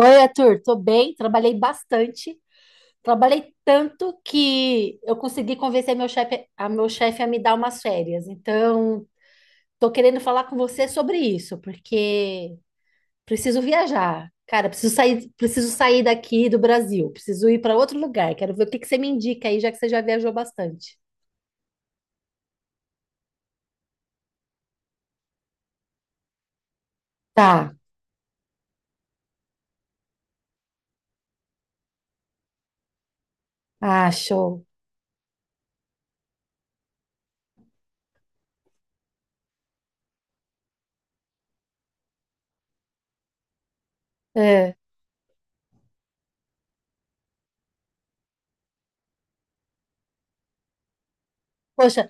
Oi, Arthur, tô bem, trabalhei bastante, trabalhei tanto que eu consegui convencer a meu chefe a me dar umas férias. Então, tô querendo falar com você sobre isso, porque preciso viajar. Cara, preciso sair daqui do Brasil, preciso ir para outro lugar. Quero ver o que que você me indica aí, já que você já viajou bastante. Tá, ah, show. Poxa,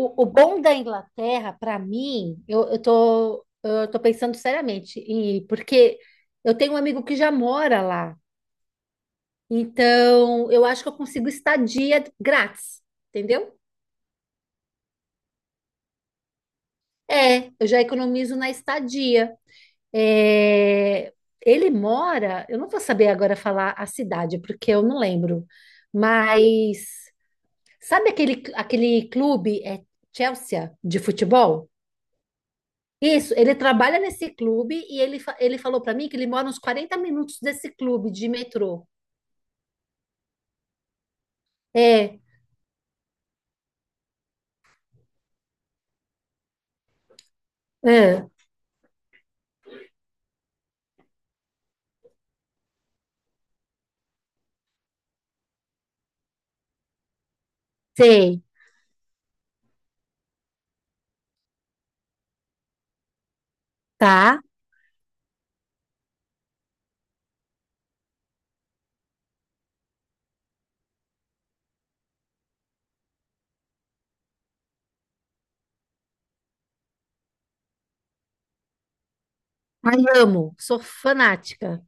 o bom da Inglaterra, para mim, eu tô pensando seriamente, e porque eu tenho um amigo que já mora lá, então eu acho que eu consigo estadia grátis, entendeu? É, eu já economizo na estadia. É, ele mora, eu não vou saber agora falar a cidade, porque eu não lembro, mas sabe aquele clube, Chelsea, de futebol? Isso, ele trabalha nesse clube e ele falou para mim que ele mora uns 40 minutos desse clube de metrô. É, é, sei, tá? Ai, amo, sou fanática.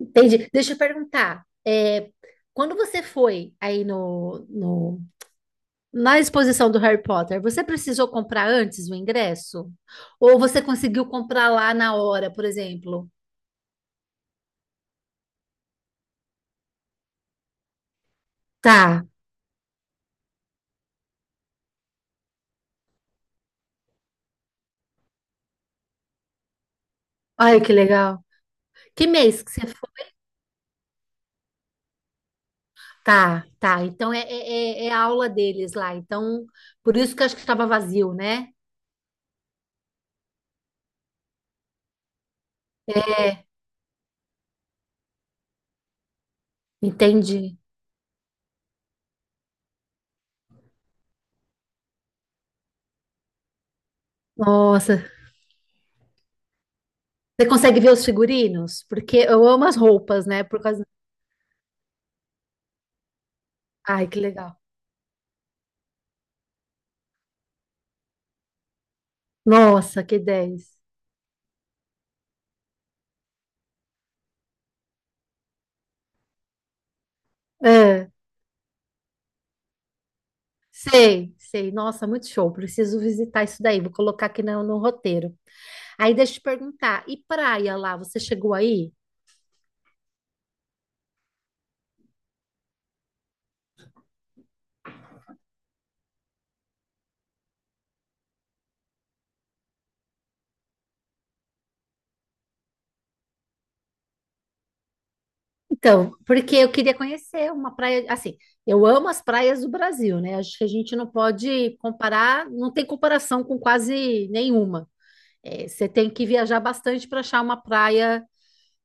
Entendi. Deixa eu perguntar, é, quando você foi aí na exposição do Harry Potter, você precisou comprar antes o ingresso? Ou você conseguiu comprar lá na hora, por exemplo? Tá. Ai, que legal. Que mês que você foi? Tá, tá. Então é a aula deles lá. Então, por isso que eu acho que estava vazio, né? É, entendi. Nossa. Você consegue ver os figurinos? Porque eu amo as roupas, né? Por causa. Ai, que legal. Nossa, que dez. É, sei, sei. Nossa, muito show. Preciso visitar isso daí. Vou colocar aqui no roteiro. Aí deixa eu te perguntar. E praia lá? Você chegou aí? Então, porque eu queria conhecer uma praia, assim, eu amo as praias do Brasil, né? Acho que a gente não pode comparar, não tem comparação com quase nenhuma. É, você tem que viajar bastante para achar uma praia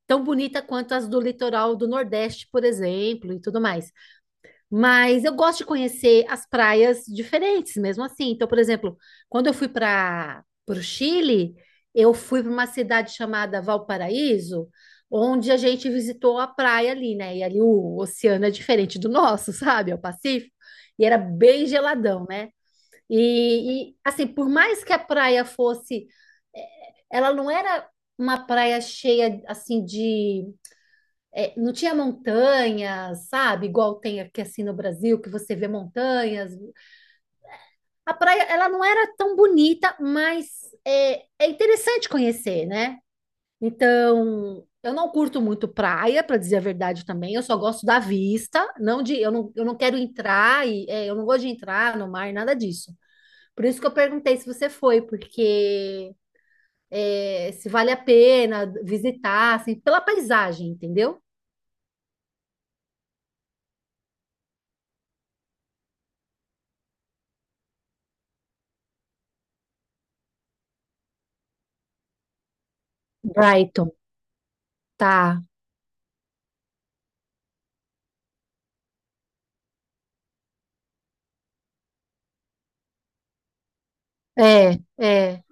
tão bonita quanto as do litoral do Nordeste, por exemplo, e tudo mais. Mas eu gosto de conhecer as praias diferentes, mesmo assim. Então, por exemplo, quando eu fui para o Chile, eu fui para uma cidade chamada Valparaíso, onde a gente visitou a praia ali, né? E ali o oceano é diferente do nosso, sabe? É o Pacífico. E era bem geladão, né? E assim, por mais que a praia fosse, ela não era uma praia cheia assim de é, não tinha montanhas, sabe? Igual tem aqui assim no Brasil, que você vê montanhas. A praia, ela não era tão bonita, mas é, é interessante conhecer, né? Então, eu não curto muito praia, para dizer a verdade também. Eu só gosto da vista, não de, eu não quero entrar e é, eu não gosto de entrar no mar, nada disso. Por isso que eu perguntei se você foi, porque é, se vale a pena visitar, assim, pela paisagem, entendeu? Brighton, tá. É, é,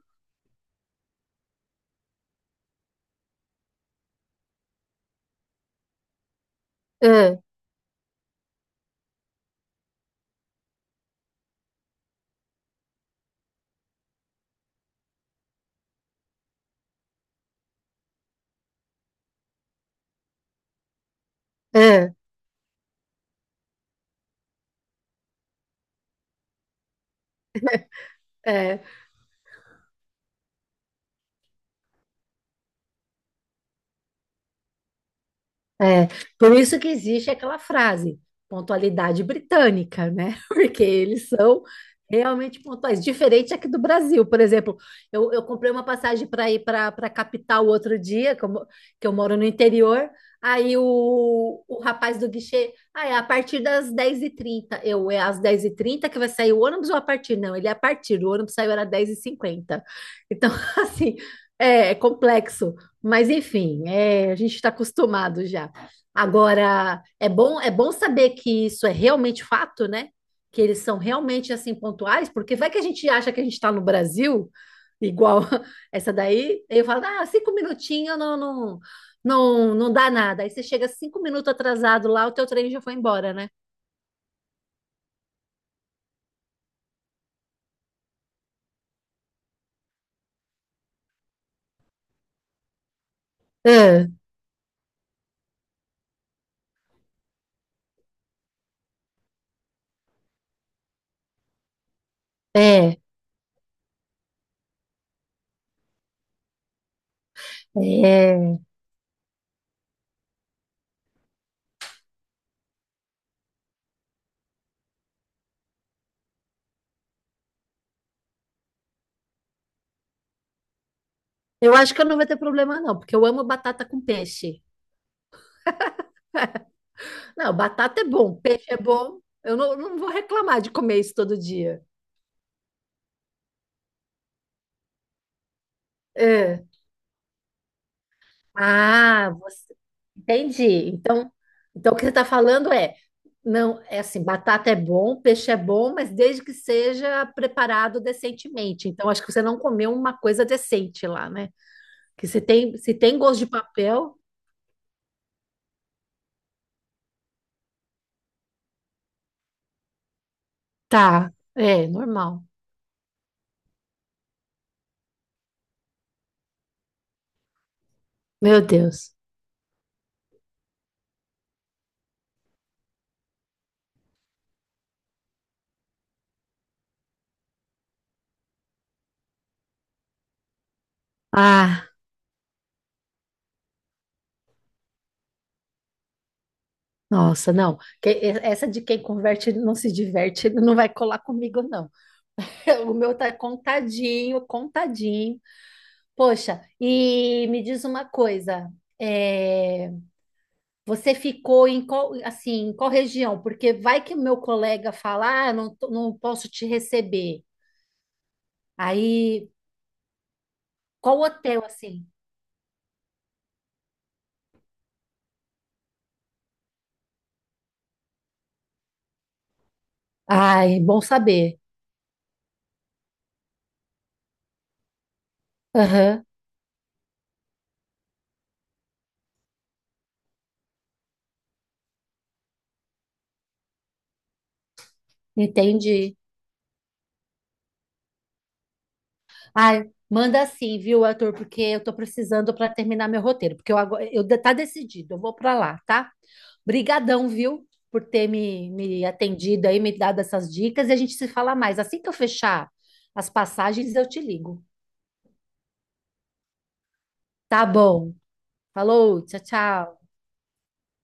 é, é, é. É, por isso que existe aquela frase, pontualidade britânica, né? Porque eles são realmente pontuais. Diferente aqui do Brasil, por exemplo, eu comprei uma passagem para ir para a capital outro dia, que eu moro no interior. Aí o rapaz do guichê, ah, é a partir das 10h30. É às 10h30 que vai sair o ônibus ou a partir? Não, ele é a partir, o ônibus saiu era 10h50. Então, assim, é complexo. Mas enfim, é, a gente está acostumado já. Agora, é bom saber que isso é realmente fato, né? Que eles são realmente assim pontuais, porque vai que a gente acha que a gente está no Brasil, igual essa daí, aí eu falo, ah, cinco minutinhos não, não, não, não dá nada. Aí você chega 5 minutos atrasado lá, o teu trem já foi embora, né? É, é, é. Eu acho que eu não vou ter problema, não, porque eu amo batata com peixe. Não, batata é bom, peixe é bom. Eu não, não vou reclamar de comer isso todo dia. É. Ah, entendi. então, o que você está falando é, não, é assim, batata é bom, peixe é bom, mas desde que seja preparado decentemente. Então, acho que você não comeu uma coisa decente lá, né? Que se tem gosto de papel, tá, é normal. Meu Deus. Ah, nossa, não. Essa de quem converte não se diverte, não vai colar comigo, não. O meu tá contadinho, contadinho. Poxa, e me diz uma coisa. É... Você ficou em qual, assim, em qual região? Porque vai que meu colega falar, ah, não, não posso te receber. Aí, qual hotel, assim? Ai, bom saber. Aham, entendi. Ai, manda assim, viu, Arthur? Porque eu tô precisando para terminar meu roteiro, porque eu agora, tá decidido, eu vou para lá, tá? Brigadão, viu, por ter me atendido aí, me dado essas dicas e a gente se fala mais. Assim que eu fechar as passagens, eu te ligo. Tá bom. Falou, tchau, tchau.